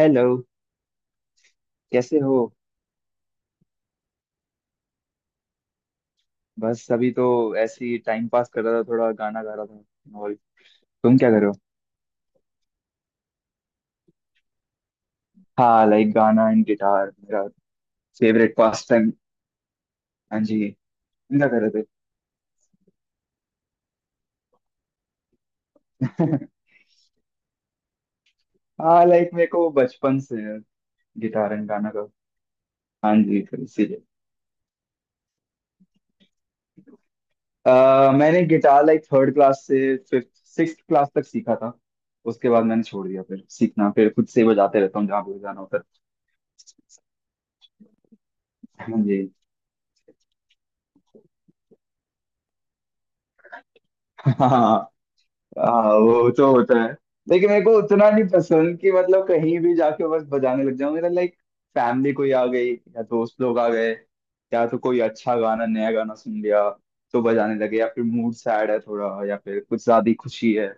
Hello. कैसे हो? बस अभी तो ऐसे ही टाइम पास कर रहा था, थोड़ा गाना गा रहा था। और तुम क्या कर रहे हो? हाँ, लाइक गाना एंड गिटार मेरा फेवरेट पास टाइम। हाँ जी। तुम क्या कर रहे थे? हाँ, लाइक मेरे को बचपन से है गिटार एंड गाना का। हाँ जी, तो इसीलिए। मैंने गिटार लाइक थर्ड क्लास से फिफ्थ सिक्स क्लास तक सीखा था। उसके बाद मैंने छोड़ दिया फिर सीखना, फिर खुद से बजाते रहता हूँ जहाँ भी बजाना होता है। हाँ जी। हाँ, वो तो होता है, लेकिन मेरे को उतना नहीं पसंद कि मतलब कहीं भी जाके बस बजाने लग जाऊं। मेरा लाइक फैमिली कोई आ गई या दोस्त लोग आ गए, या तो कोई अच्छा गाना नया गाना सुन लिया तो बजाने लगे, या फिर मूड सैड है थोड़ा, या फिर कुछ ज्यादा ही खुशी है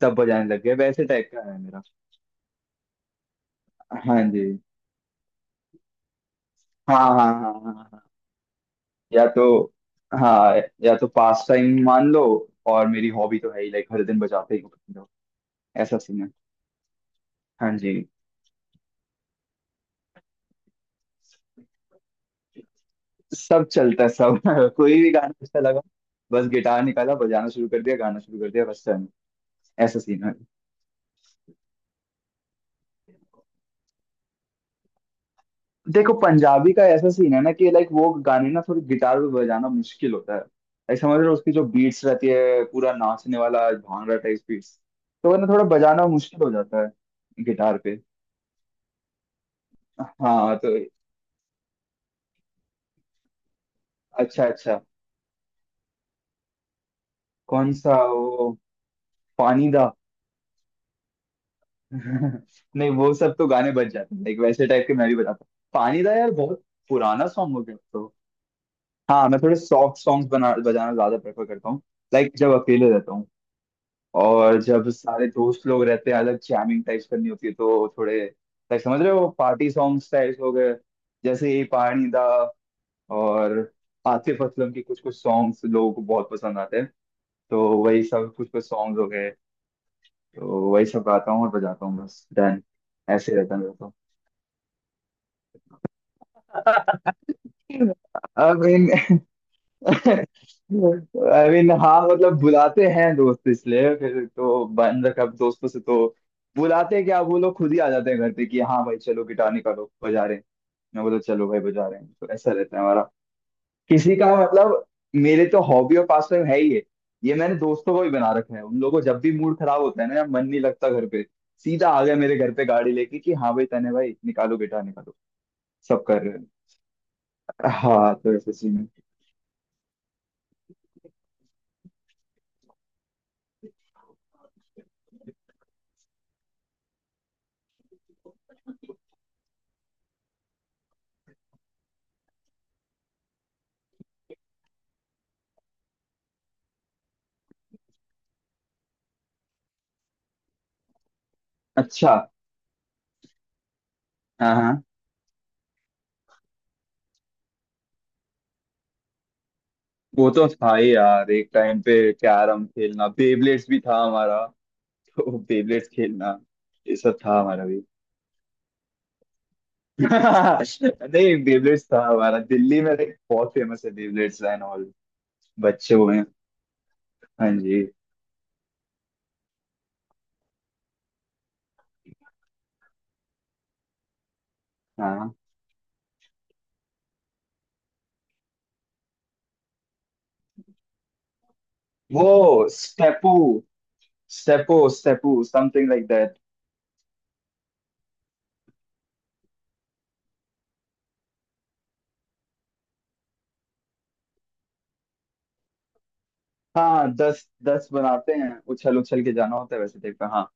तब बजाने लग गए। वैसे टाइप का है मेरा। हाँ जी। हाँ हाँ हाँ हाँ हाँ हाँ। या तो हाँ, या तो पास टाइम मान लो। और मेरी हॉबी तो है ही, लाइक हर दिन बजाते ही हूँ। ऐसा सीन है। हाँ जी। सब चलता है सब। कोई भी गाना अच्छा लगा, बस गिटार निकाला, बजाना शुरू कर दिया, गाना शुरू कर दिया, बस चल। ऐसा सीन है। देखो पंजाबी का ऐसा सीन है ना कि लाइक वो गाने ना थोड़ी गिटार पे बजाना मुश्किल होता है। लाइक समझ रहे हो, उसकी जो बीट्स रहती है, पूरा नाचने वाला भांगड़ा टाइप बीट्स, तो वो ना थोड़ा बजाना मुश्किल हो जाता है गिटार पे। हाँ तो। अच्छा अच्छा। कौन सा वो? पानी दा? नहीं, वो सब तो गाने बच जाते हैं लाइक। वैसे टाइप के मैं भी बताता हूँ। पानी दा यार बहुत पुराना सॉन्ग हो गया तो। हाँ, मैं थोड़े सॉफ्ट सॉन्ग्स बना बजाना ज्यादा प्रेफर करता हूँ लाइक, जब अकेले रहता हूँ। और जब सारे दोस्त लोग रहते हैं अलग, जैमिंग टाइप्स करनी होती है तो थोड़े लाइक समझ रहे हो पार्टी सॉन्ग्स टाइप्स हो गए, जैसे ये पानी दा। और आतिफ असलम के कुछ कुछ सॉन्ग्स लोगों को बहुत पसंद आते हैं, तो वही सब कुछ कुछ सॉन्ग्स हो गए। तो वही सब गाता हूँ और बजाता हूँ, बस डन। ऐसे रहता है मेरा तो। आई मीन आई मीन हाँ मतलब बुलाते हैं दोस्त इसलिए, फिर तो बंद कब, दोस्तों से तो बुलाते हैं, क्या, वो लोग खुद ही आ जाते हैं घर पे कि हाँ भाई चलो गिटार निकालो बजा रहे हैं। मैं बोला चलो भाई बजा रहे हैं। तो ऐसा रहता है हमारा। किसी का मतलब, मेरे तो हॉबी और पास टाइम है ही है। ये मैंने दोस्तों को भी बना रखा है, उन लोगों को जब भी मूड खराब होता है ना या मन नहीं लगता घर पे, सीधा आ गया मेरे घर पे गाड़ी लेके कि हाँ भाई तने भाई निकालो गिटार निकालो, सब कर रहे हैं। हाँ तो ऐसे सीन है। अच्छा। हाँ हाँ, वो तो था ही यार, एक टाइम पे कैरम खेलना, बेबलेट्स भी था हमारा तो। बेबलेट्स खेलना, ये सब था हमारा भी। नहीं, बेबलेट्स था हमारा, दिल्ली में लाइक बहुत फेमस है बेबलेट्स एंड ऑल। बच्चे हुए हैं। हाँ जी। हाँ, वो स्टेपू, स्टेपो, स्टेपू समथिंग लाइक दैट। हाँ, दस दस बनाते हैं, उछल उछल के जाना होता है वैसे टाइप का। हाँ,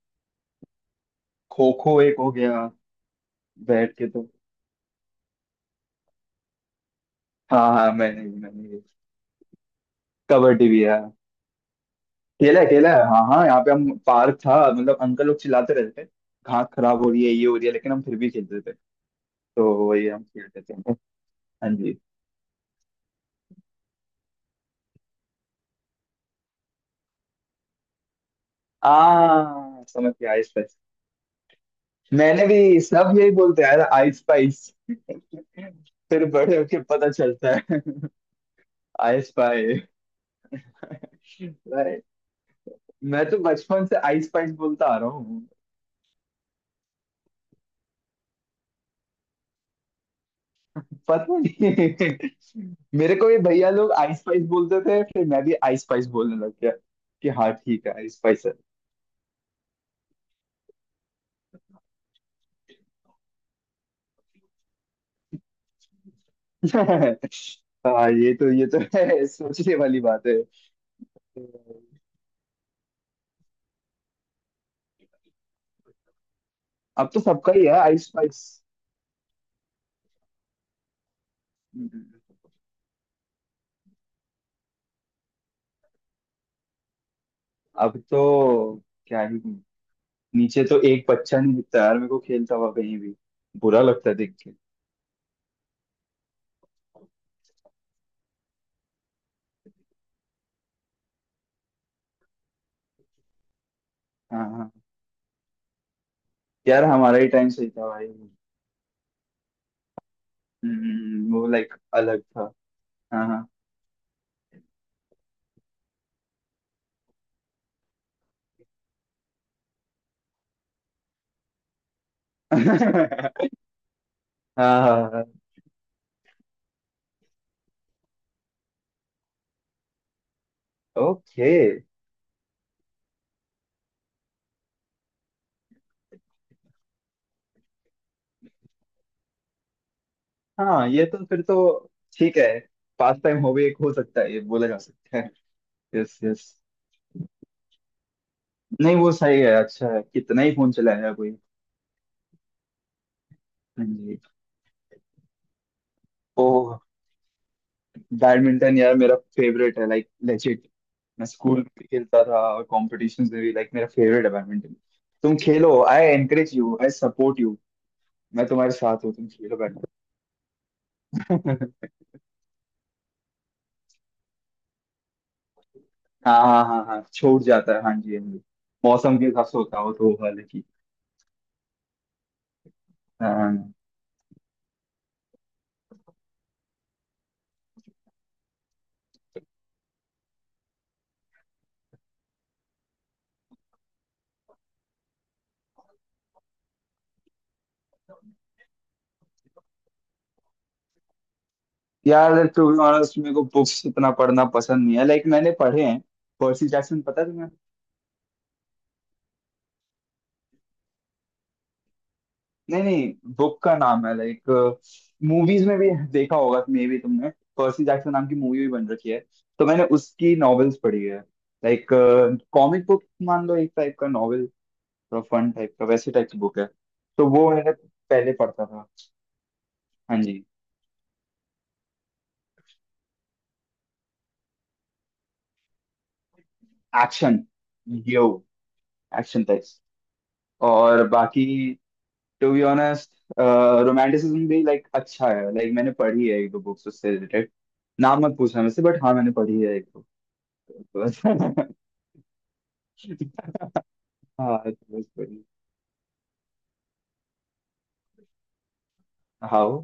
खो खो एक हो गया, बैठ के तो। हाँ हाँ, मैंने भी, मैंने भी। कबड्डी भी है। अकेला अकेला है। हाँ हाँ, यहाँ पे हम पार्क था, मतलब अंकल लोग चिल्लाते रहते थे घास खराब हो रही है, ये हो रही है, लेकिन हम फिर भी खेलते थे। तो वही हम खेलते थे। हाँ जी। आ, समझ गया, आइस पाइस। मैंने भी, सब यही बोलते हैं यार, आइस पाइस। फिर बड़े होके पता चलता है आइस पाइस। अरे, मैं तो बचपन से आइस पाइस बोलता आ रहा हूँ। पता नहीं, मेरे को ये भैया लोग आइस पाइस बोलते थे, फिर मैं भी आइस पाइस बोलने लग गया कि हाँ ठीक है आइस पाइस है। हाँ, ये तो, ये तो है सोचने वाली बात है। अब तो सबका ही है आइस पाइस। अब तो क्या ही, नीचे तो एक बच्चा नहीं दिखता यार मेरे को खेलता हुआ कहीं भी। बुरा लगता है देख के। हाँ हाँ। यार हमारा ही टाइम सही था भाई। वो लाइक अलग था। हाँ हाँ। हाँ। ओके। हाँ, ये तो फिर तो ठीक है, पास टाइम हॉबी एक हो सकता है, ये बोला जा सकता है। Yes yes. नहीं, वो सही है, अच्छा है, कितना ही फोन चलाया है कोई। हाँ जी। ओह, बैडमिंटन यार मेरा फेवरेट है लाइक लेजिट। मैं स्कूल में भी खेलता था और कॉम्पिटिशन में भी। लाइक मेरा फेवरेट है बैडमिंटन। तुम खेलो, I encourage you, I support you. मैं तुम्हारे साथ हूँ, तुम खेलो। बैडमिंटन। हाँ हाँ हाँ हाँ, छूट जाता है, हाँ जी हाँ जी। मौसम के हिसाब से होता हो तो, हालांकि। हाँ हाँ, हाँ। यार टू बी ऑनेस्ट मेरे को बुक्स इतना पढ़ना पसंद नहीं है, लाइक मैंने पढ़े हैं पर्सी जैक्सन, पता है तुम्हें? नहीं नहीं, बुक का नाम है लाइक, मूवीज में भी देखा होगा मे भी तुमने, पर्सी जैक्सन नाम की मूवी भी बन रखी है। तो मैंने उसकी नॉवेल्स पढ़ी है लाइक, कॉमिक बुक मान लो एक टाइप का नॉवेल, थोड़ा फन टाइप का वैसे टाइप की बुक है। तो वो मैंने पहले पढ़ता था। हाँ जी। एक्शन, यो एक्शन टाइप्स। और बाकी, टू बी ऑनेस्ट, रोमांटिसिज्म भी लाइक अच्छा है, लाइक मैंने पढ़ी है एक दो बुक्स उससे रिलेटेड। नाम मत पूछना मुझसे, बट हाँ मैंने पढ़ी है एक दो। हाँ, बड़ी। हाउ?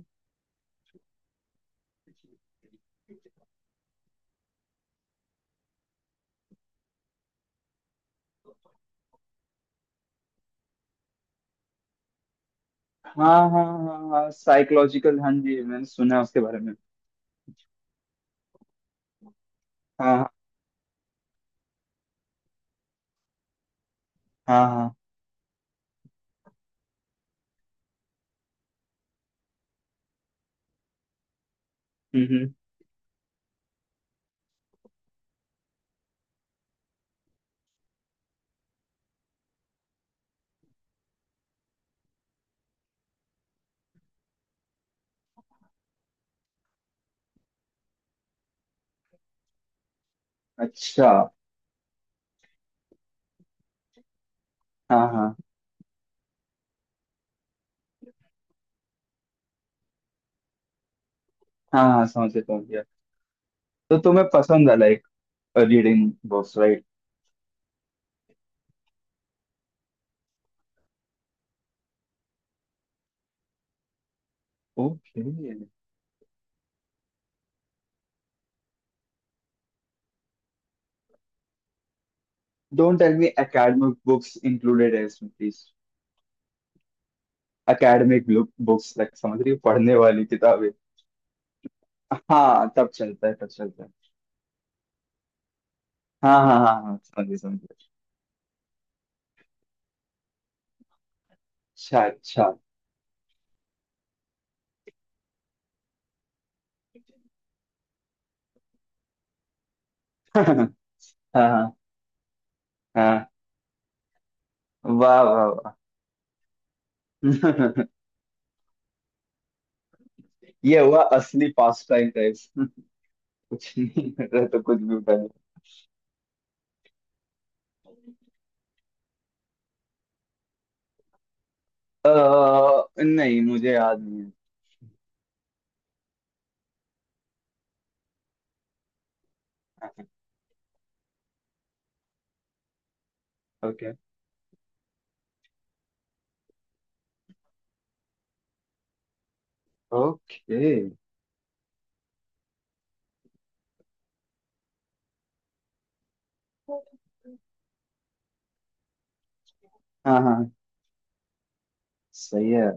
हाँ हाँ हाँ हाँ, साइकोलॉजिकल, हाँ जी, मैंने सुना है उसके बारे में। हाँ हाँ। हाँ हाँ। हम्म। अच्छा। हाँ हाँ हाँ हाँ, समझ गया समझ गया। तो तुम्हें पसंद है like reading books right? Okay. Don't tell me academic books included है इसमें प्लीज। एकेडमिक बुक्स, लाइक समझ रही हो, पढ़ने वाली किताबें। हाँ तब चलता है, तब चलता है। हाँ हाँ हाँ हाँ, समझिए समझिए। अच्छा अच्छा। हाँ हाँ हाँ। वाह वाह वाह। ये हुआ असली पास टाइम गाइस। कुछ नहीं कर रहा तो कुछ भी उठा लो। नहीं मुझे याद नहीं है। ओके। ओके। हाँ हाँ, सही है।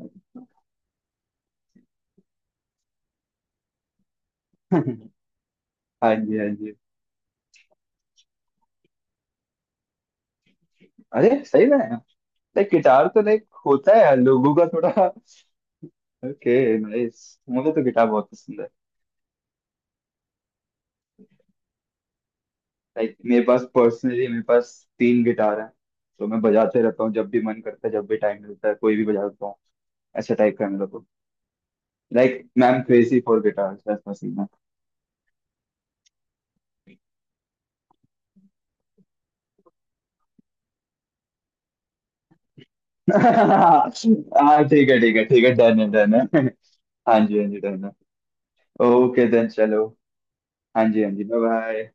हाँ जी हाँ जी। अरे सही में, लाइक गिटार तो लाइक होता है लोगों का थोड़ा। ओके, नाइस, मुझे तो गिटार बहुत पसंद है। लाइक मेरे पास, पर्सनली मेरे पास तीन गिटार हैं। तो मैं बजाते रहता हूँ, जब भी मन करता है, जब भी टाइम मिलता है कोई भी बजा लेता हूँ। ऐसा टाइप का है मेरा तो। Like ma'am crazy for guitars बस पसीना। हाँ ठीक है ठीक है ठीक है, डन है डन है। हाँ जी हाँ जी, डन है। ओके देन, चलो। हाँ जी हाँ जी, बाय बाय।